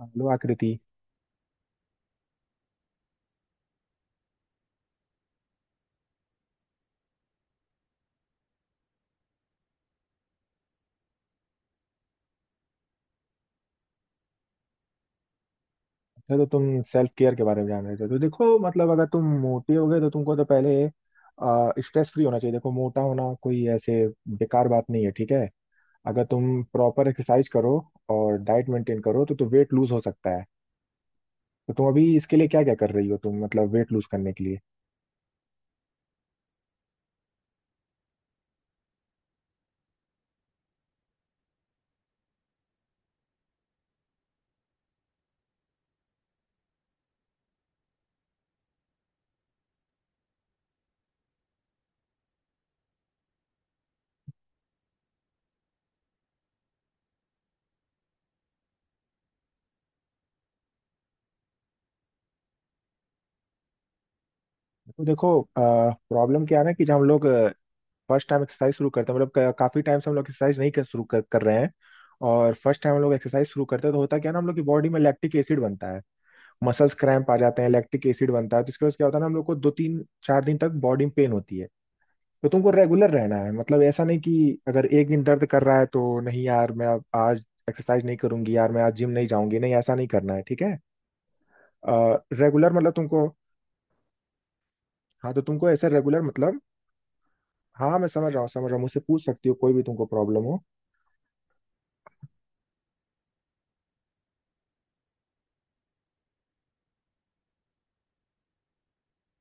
Hello Aakriti. अच्छा, तो तुम सेल्फ केयर के बारे में जान रहे थे। तो देखो, मतलब अगर तुम मोटे हो गए तो तुमको तो पहले स्ट्रेस फ्री होना चाहिए। देखो, मोटा होना कोई ऐसे बेकार बात नहीं है, ठीक है। अगर तुम प्रॉपर एक्सरसाइज करो और डाइट मेंटेन करो तो वेट लूज हो सकता है। तो तुम अभी इसके लिए क्या क्या कर रही हो तुम, मतलब वेट लूज करने के लिए? तो देखो, प्रॉब्लम क्या है ना कि जब हम लोग फर्स्ट टाइम एक्सरसाइज शुरू करते हैं, मतलब काफी टाइम से हम लोग एक्सरसाइज नहीं कर रहे हैं। और फर्स्ट टाइम हम लोग एक्सरसाइज शुरू करते हैं तो होता क्या है ना, हम लोग की बॉडी में लैक्टिक एसिड बनता है। मसल्स क्रैम्प आ जाते हैं, लैक्टिक एसिड बनता है तो इसके वजह से क्या होता है ना, हम लोग को 2 3 4 दिन तक बॉडी में पेन होती है। तो तुमको रेगुलर रहना है, मतलब ऐसा नहीं कि अगर एक दिन दर्द कर रहा है तो नहीं यार मैं अब आज एक्सरसाइज नहीं करूंगी, यार मैं आज जिम नहीं जाऊंगी। नहीं, ऐसा नहीं करना है, ठीक है। रेगुलर मतलब तुमको, हाँ तो तुमको ऐसा रेगुलर मतलब, हाँ मैं समझ रहा हूँ, समझ रहा हूँ, मुझसे पूछ सकती हो कोई भी तुमको प्रॉब्लम हो।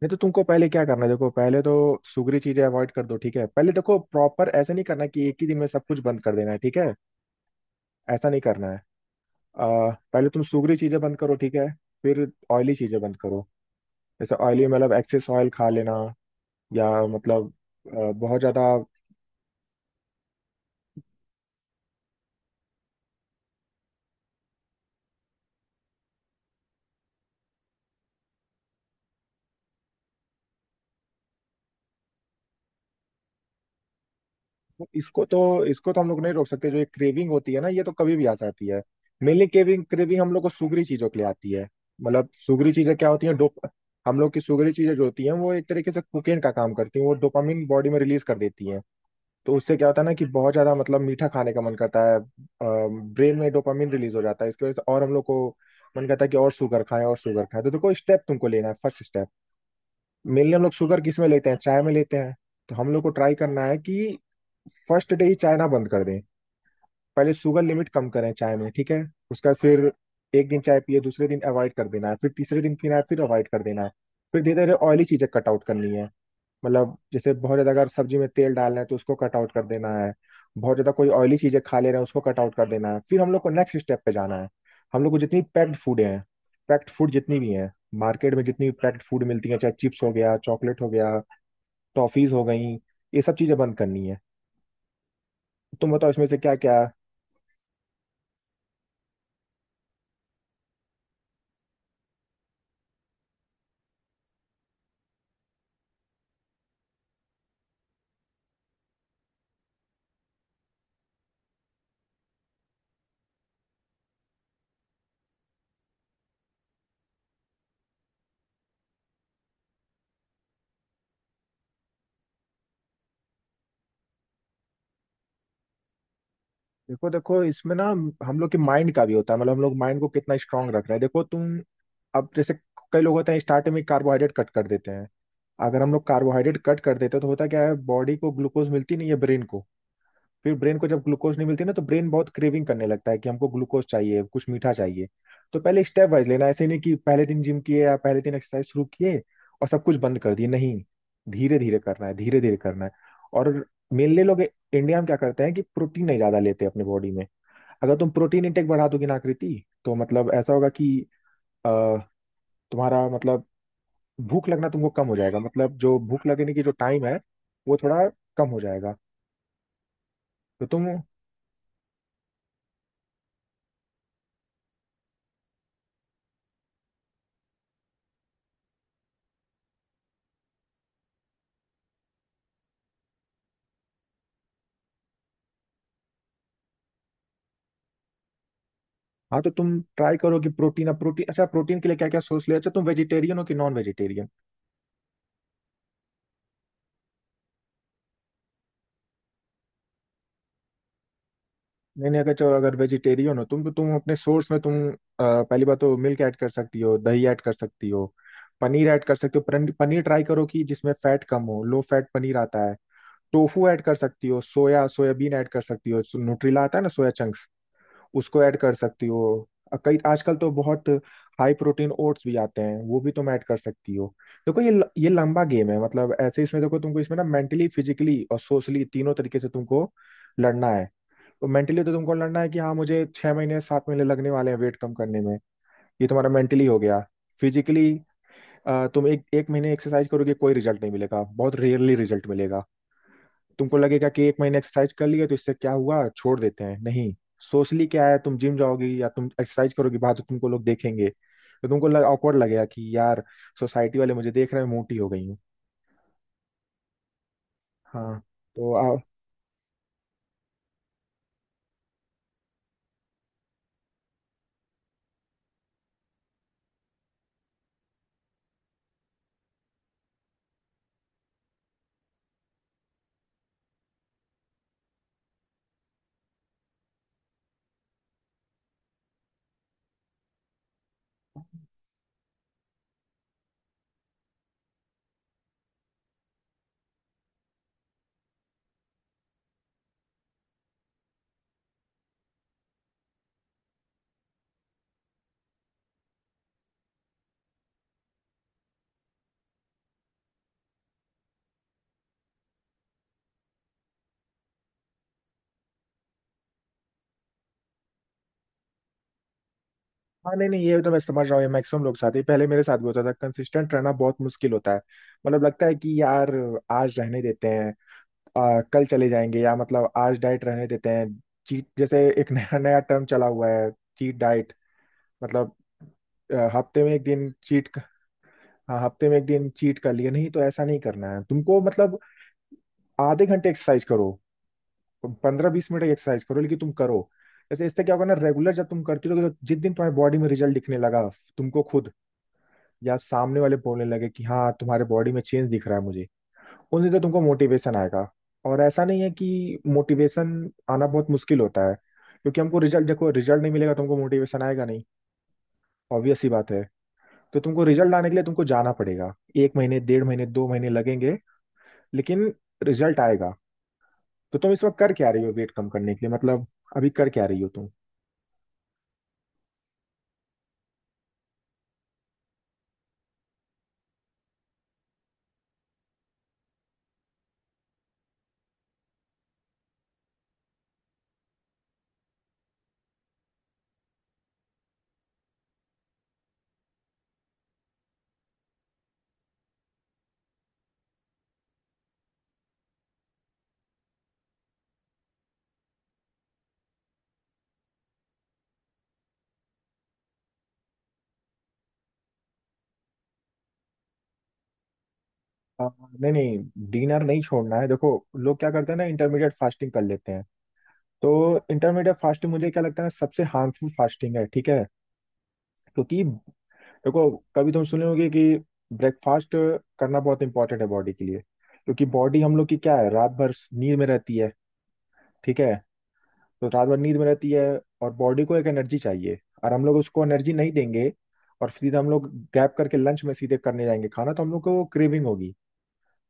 नहीं, तो तुमको पहले क्या करना है, देखो पहले तो सुगरी चीजें अवॉइड कर दो, ठीक है। पहले देखो, प्रॉपर ऐसा नहीं करना कि एक ही दिन में सब कुछ बंद कर देना है, ठीक है, ऐसा नहीं करना है। आ, पहले तुम सूगरी चीजें बंद करो, ठीक है। फिर ऑयली चीजें बंद करो। जैसे ऑयली मतलब एक्सेस ऑयल खा लेना, या मतलब बहुत ज्यादा। इसको तो हम लोग नहीं रोक सकते, जो ये क्रेविंग होती है ना, ये तो कभी भी आ सकती है। मेनली क्रेविंग क्रेविंग हम लोग को सूगरी चीजों के लिए आती है। मतलब सूगरी चीजें क्या होती हैं, डोप हम लोग की सूगरी चीजें जो होती हैं वो एक तरीके से कोकेन का काम करती हैं, वो डोपामिन बॉडी में रिलीज कर देती हैं। तो उससे क्या होता है ना कि बहुत ज्यादा मतलब मीठा खाने का मन करता है। ब्रेन में डोपामिन रिलीज हो जाता है इसकी वजह से, और हम लोग को मन करता है कि और शुगर खाएं और शुगर खाएं। तो देखो स्टेप तुमको लेना है, फर्स्ट स्टेप मेनली हम लोग शुगर किस में लेते हैं, चाय में लेते हैं। तो हम लोग को ट्राई करना है कि फर्स्ट डे ही चाय ना बंद कर दें। पहले शुगर लिमिट कम करें चाय में, ठीक है। उसका फिर एक दिन चाय पिए, दूसरे दिन अवॉइड कर देना है, फिर तीसरे दिन पीना है, फिर अवॉइड कर देना है। फिर धीरे धीरे ऑयली चीजें कट आउट करनी है। मतलब जैसे बहुत ज्यादा अगर सब्जी में तेल डालना है तो उसको कट आउट कर देना है। बहुत ज्यादा कोई ऑयली चीजें खा ले रहे हैं उसको कट आउट कर देना है। फिर हम लोग को नेक्स्ट स्टेप पे जाना है। हम लोग को जितनी पैक्ड फूड है, पैक्ड फूड जितनी भी है, मार्केट में जितनी भी पैक्ड फूड मिलती है, चाहे चिप्स हो गया, चॉकलेट हो गया, टॉफीज हो गई, ये सब चीजें बंद करनी है। तुम बताओ इसमें से क्या क्या। देखो देखो, इसमें ना हम लोग के माइंड का भी होता है, मतलब हम लोग माइंड को कितना स्ट्रांग रख रहे हैं। देखो तुम, अब जैसे कई लोग होते हैं स्टार्टिंग में कार्बोहाइड्रेट कट कर देते हैं। अगर हम लोग कार्बोहाइड्रेट कट कर देते हैं तो होता क्या है, बॉडी को ग्लूकोज मिलती नहीं है, ब्रेन को। फिर ब्रेन को जब ग्लूकोज नहीं मिलती ना तो ब्रेन बहुत क्रेविंग करने लगता है कि हमको ग्लूकोज चाहिए, कुछ मीठा चाहिए। तो पहले स्टेप वाइज लेना, ऐसे नहीं कि पहले दिन जिम किए या पहले दिन एक्सरसाइज शुरू किए और सब कुछ बंद कर दिए, नहीं। धीरे धीरे करना है, धीरे धीरे करना है। और मेनली लोग इंडिया में क्या करते हैं कि प्रोटीन नहीं ज्यादा लेते अपने बॉडी में। अगर तुम प्रोटीन इंटेक बढ़ा दोगी ना आकृति, तो मतलब ऐसा होगा कि अ, तुम्हारा मतलब भूख लगना तुमको कम हो जाएगा, मतलब जो भूख लगने की जो टाइम है वो थोड़ा कम हो जाएगा। तो तुम, हाँ तो तुम ट्राई करो कि प्रोटीन। अब प्रोटीन, अच्छा प्रोटीन के लिए क्या क्या सोर्स ले। अच्छा, तुम वेजिटेरियन हो कि नॉन वेजिटेरियन? नहीं नहीं, अगर चलो, अगर वेजिटेरियन हो तुम तो तुम अपने सोर्स में तुम पहली बात तो मिल्क ऐड कर सकती हो, दही ऐड कर सकती हो, पनीर ऐड कर सकते हो। पनीर ट्राई करो कि जिसमें फैट कम हो, लो फैट पनीर आता है। टोफू ऐड कर सकती हो, सोया सोयाबीन ऐड कर सकती हो, न्यूट्रिला आता है ना सोया चंक्स, उसको ऐड कर सकती हो। कई आजकल तो बहुत हाई प्रोटीन ओट्स भी आते हैं, वो भी तुम ऐड कर सकती हो। देखो ये ये लंबा गेम है, मतलब ऐसे इसमें देखो तुमको इसमें ना मेंटली, फिजिकली और सोशली तीनों तरीके से तुमको लड़ना है। तो मेंटली तो तुमको लड़ना है कि हाँ मुझे 6 महीने 7 महीने लगने वाले हैं वेट कम करने में। ये तुम्हारा मेंटली हो गया। फिजिकली तुम एक एक महीने एक्सरसाइज करोगे कोई रिजल्ट नहीं मिलेगा, बहुत रेयरली रिजल्ट मिलेगा। तुमको लगेगा कि एक महीने एक्सरसाइज कर लिए तो इससे क्या हुआ, छोड़ देते हैं, नहीं। सोशली क्या है, तुम जिम जाओगी या तुम एक्सरसाइज करोगी बाहर तो तुमको लोग देखेंगे, तो तुमको लग awkward लगेगा कि यार सोसाइटी वाले मुझे देख रहे हैं, मोटी हो गई हूँ। हाँ तो हाँ। नहीं नहीं, ये तो मैं समझ रहा हूँ, ये मैक्सिमम लोग साथ ही पहले मेरे साथ भी होता था, कंसिस्टेंट रहना बहुत मुश्किल होता है। मतलब लगता है कि यार आज रहने देते हैं, कल चले जाएंगे, या मतलब आज डाइट रहने देते हैं। चीट, जैसे एक नया नया टर्म चला हुआ है, चीट डाइट, मतलब हफ्ते में एक दिन चीट। हाँ, हफ्ते में एक दिन चीट कर लिया, नहीं तो ऐसा नहीं करना है तुमको, मतलब आधे घंटे एक्सरसाइज करो, 15 20 मिनट एक्सरसाइज करो, लेकिन तुम करो। ऐसे इससे क्या होगा ना, रेगुलर जब तुम करती रहोगे तो जिस दिन तुम्हारी बॉडी में रिजल्ट दिखने लगा, तुमको खुद या सामने वाले बोलने लगे कि हाँ तुम्हारे बॉडी में चेंज दिख रहा है मुझे, उस दिन तो तुमको मोटिवेशन आएगा। और ऐसा नहीं है कि मोटिवेशन आना बहुत मुश्किल होता है, क्योंकि हमको रिजल्ट, देखो रिजल्ट नहीं मिलेगा तुमको, मोटिवेशन आएगा नहीं, ऑब्वियस ही बात है। तो तुमको रिजल्ट आने के लिए तुमको जाना पड़ेगा, एक महीने 1.5 महीने 2 महीने लगेंगे, लेकिन रिजल्ट आएगा। तो तुम इस वक्त कर क्या रही हो वेट कम करने के लिए, मतलब अभी कर क्या रही हो तुम? अ, नहीं नहीं डिनर नहीं छोड़ना है। देखो लोग क्या करते हैं ना, इंटरमीडिएट फास्टिंग कर लेते हैं। तो इंटरमीडिएट फास्टिंग मुझे क्या लगता है ना, सबसे हार्मफुल फास्टिंग है, ठीक है। क्योंकि देखो, कभी तुम सुने होगे कि ब्रेकफास्ट करना बहुत इंपॉर्टेंट है बॉडी के लिए। क्योंकि बॉडी हम लोग की क्या है, रात भर नींद में रहती है, ठीक है। तो रात भर नींद में रहती है, और बॉडी को एक एनर्जी चाहिए, और हम लोग उसको एनर्जी नहीं देंगे और फिर हम लोग गैप करके लंच में सीधे करने जाएंगे खाना, तो हम लोग को क्रेविंग होगी।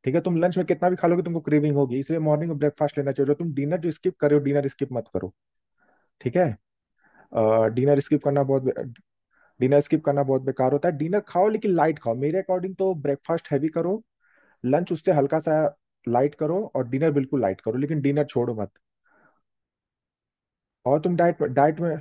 ठीक है, तुम लंच में कितना भी खा लोगे तुमको क्रेविंग होगी, इसलिए मॉर्निंग में ब्रेकफास्ट लेना चाहिए। जो तुम डिनर जो स्किप कर रहे हो, डिनर स्किप मत करो, ठीक है। डिनर स्किप करना बहुत डिनर स्किप करना बहुत बेकार होता है। डिनर खाओ लेकिन लाइट खाओ, मेरे अकॉर्डिंग तो ब्रेकफास्ट हैवी करो, लंच उससे हल्का सा लाइट करो, और डिनर बिल्कुल लाइट करो, लेकिन डिनर छोड़ो मत। और तुम डाइट डाइट में,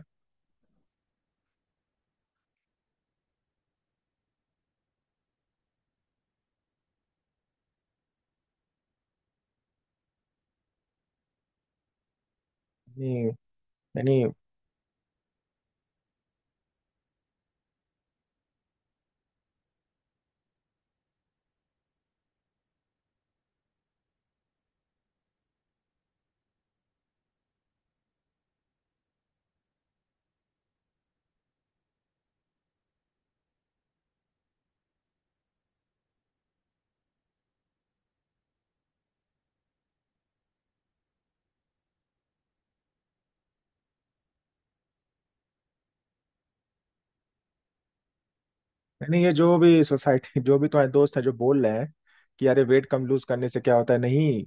नहीं यानी नहीं, ये जो भी सोसाइटी, जो भी तुम्हारे दोस्त हैं जो बोल रहे हैं कि अरे वेट कम लूज करने से क्या होता है, नहीं।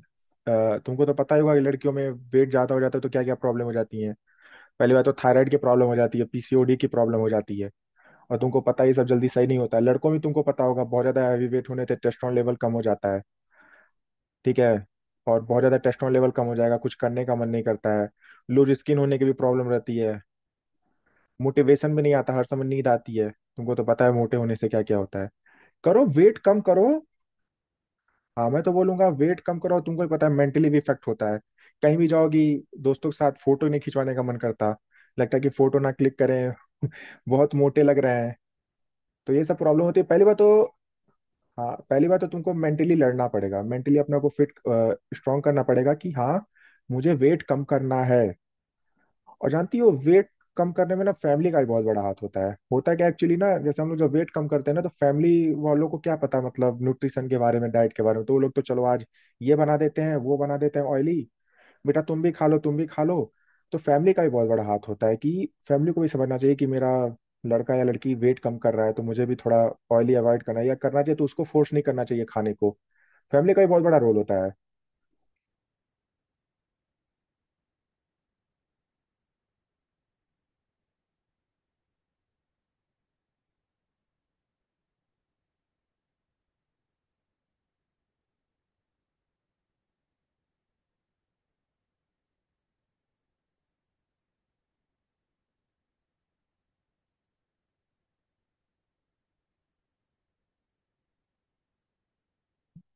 तुमको तो पता ही होगा कि लड़कियों में वेट ज्यादा हो जाता है तो क्या क्या प्रॉब्लम हो जाती है। पहली बात तो थायराइड की प्रॉब्लम हो जाती है, पीसीओडी की प्रॉब्लम हो जाती है। और तुमको पता है ये सब जल्दी सही नहीं होता है। लड़कों में तुमको पता होगा बहुत ज्यादा हैवी वेट होने से टेस्टोन लेवल कम हो जाता है, ठीक है। और बहुत ज्यादा टेस्टोन लेवल कम हो जाएगा कुछ करने का मन नहीं करता है। लूज स्किन होने की भी प्रॉब्लम रहती है, मोटिवेशन भी नहीं आता, हर समय नींद आती है। तुमको तो पता है मोटे होने से क्या क्या होता है, करो वेट कम करो। हाँ, मैं तो बोलूंगा वेट कम करो, तुमको ही पता है मेंटली भी इफेक्ट होता है। कहीं भी जाओगी दोस्तों के साथ फोटो नहीं खिंचवाने का मन करता, लगता है कि फोटो ना क्लिक करें, बहुत मोटे लग रहे हैं। तो ये सब प्रॉब्लम होती है पहली बात तो। हाँ, पहली बात तो तुमको मेंटली लड़ना पड़ेगा। मेंटली अपने को फिट स्ट्रांग करना पड़ेगा कि हाँ, मुझे वेट कम करना है। और जानती हो वेट कम करने में ना फैमिली का भी बहुत बड़ा हाथ होता है। होता क्या एक्चुअली ना, जैसे हम लोग जब वेट कम करते हैं ना, तो फैमिली वालों को क्या पता, मतलब न्यूट्रिशन के बारे में, डाइट के बारे में। तो वो लोग तो चलो आज ये बना देते हैं, वो बना देते हैं ऑयली, बेटा तुम भी खा लो, तुम भी खा लो। तो फैमिली का भी बहुत बड़ा हाथ होता है कि फैमिली को भी समझना चाहिए कि मेरा लड़का या लड़की वेट कम कर रहा है, तो मुझे भी थोड़ा ऑयली अवॉइड करना है या करना चाहिए, तो उसको फोर्स नहीं करना चाहिए खाने को। फैमिली का भी बहुत बड़ा रोल होता है।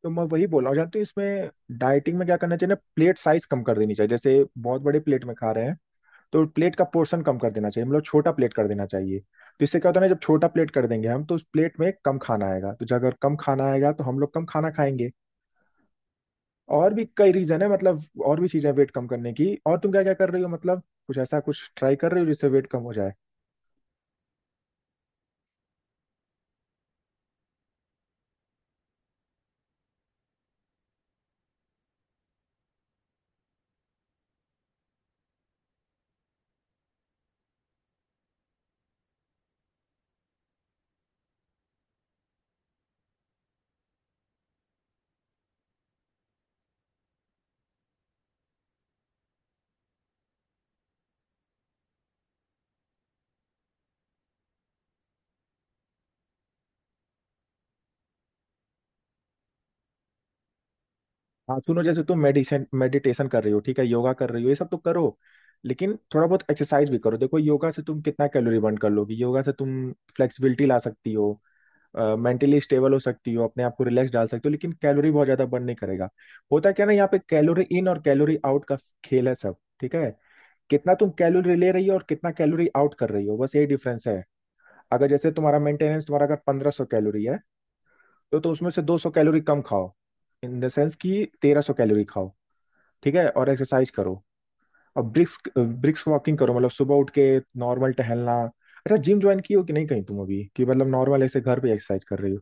तो मैं वही बोल रहा हूँ। जानते हो इसमें डाइटिंग में क्या करना चाहिए ना, प्लेट साइज कम कर देनी चाहिए। जैसे बहुत बड़े प्लेट में खा रहे हैं तो प्लेट का पोर्शन कम कर देना चाहिए, मतलब छोटा प्लेट कर देना चाहिए। तो इससे क्या होता है ना, जब छोटा प्लेट कर देंगे हम, तो उस प्लेट में कम खाना आएगा, तो जब अगर कम खाना आएगा तो हम लोग कम खाना खाएंगे। और भी कई रीजन है, मतलब और भी चीजें वेट कम करने की। और तुम क्या क्या कर रही हो, मतलब कुछ ऐसा कुछ ट्राई कर रही हो जिससे वेट कम हो जाए। हाँ सुनो, जैसे तुम मेडिसन मेडिटेशन कर रही हो, ठीक है, योगा कर रही हो, ये सब तो करो, लेकिन थोड़ा बहुत एक्सरसाइज भी करो। देखो, योगा से तुम कितना कैलोरी बर्न कर लोगी। योगा से तुम फ्लेक्सिबिलिटी ला सकती हो, मेंटली स्टेबल हो सकती हो, अपने आप को रिलैक्स डाल सकती हो, लेकिन कैलोरी बहुत ज्यादा बर्न नहीं करेगा। होता क्या ना, यहाँ पे कैलोरी इन और कैलोरी आउट का खेल है सब, ठीक है। कितना तुम कैलोरी ले रही हो और कितना कैलोरी आउट कर रही हो, बस यही डिफरेंस है। अगर जैसे तुम्हारा मेंटेनेंस, तुम्हारा अगर 1500 कैलोरी है, तो उसमें से 200 कैलोरी कम खाओ। इन द सेंस कि 1300 कैलोरी खाओ, ठीक है। और एक्सरसाइज करो, और ब्रिस्क ब्रिस्क वॉकिंग करो, मतलब सुबह उठ के नॉर्मल टहलना। अच्छा, जिम ज्वाइन की हो कि नहीं कहीं तुम अभी, कि मतलब नॉर्मल ऐसे घर पे एक्सरसाइज कर रही हो।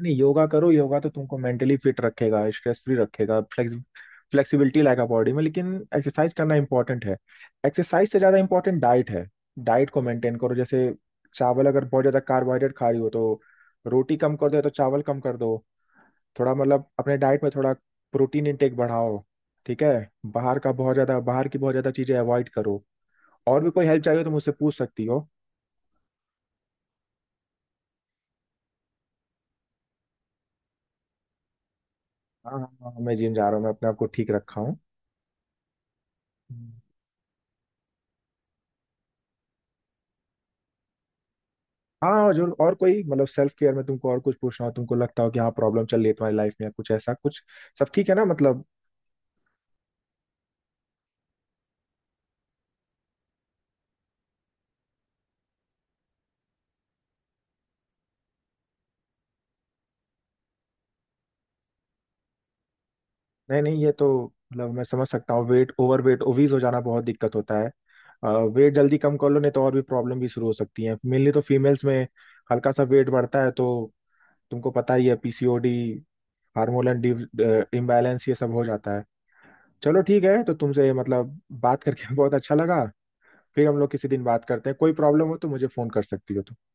नहीं, योगा करो, योगा तो तुमको मेंटली फिट रखेगा, स्ट्रेस फ्री रखेगा, फ्लेक्सिबिलिटी लाएगा बॉडी में, लेकिन एक्सरसाइज करना इंपॉर्टेंट है। एक्सरसाइज से ज़्यादा इंपॉर्टेंट डाइट है। डाइट को मेंटेन करो। जैसे चावल, अगर बहुत ज़्यादा कार्बोहाइड्रेट खा रही हो तो रोटी कम कर दो, या तो चावल कम कर दो। थोड़ा मतलब अपने डाइट में थोड़ा प्रोटीन इंटेक बढ़ाओ, ठीक है। बाहर की बहुत ज़्यादा चीज़ें अवॉइड करो। और भी कोई हेल्प चाहिए तो मुझसे पूछ सकती हो। हाँ हाँ हाँ, मैं जिम जा रहा हूँ, मैं अपने आप को ठीक रखा हूँ। हम्म। हाँ, और जो और कोई मतलब सेल्फ केयर में तुमको और कुछ पूछना हो, तुमको लगता हो कि हाँ प्रॉब्लम चल रही है तुम्हारी लाइफ में या कुछ ऐसा कुछ, सब ठीक है ना मतलब? नहीं नहीं, ये तो, मतलब मैं समझ सकता हूँ, वेट ओवर वेट ओवीज हो जाना बहुत दिक्कत होता है। वेट जल्दी कम कर लो, नहीं तो और भी प्रॉब्लम भी शुरू हो सकती है। मेनली तो फीमेल्स में हल्का सा वेट बढ़ता है तो तुमको पता ही है पीसीओडी, हार्मोनल इम्बैलेंस, ये सब हो जाता है। चलो ठीक है, तो तुमसे मतलब बात करके बहुत अच्छा लगा। फिर हम लोग किसी दिन बात करते हैं। कोई प्रॉब्लम हो तो मुझे फोन कर सकती हो।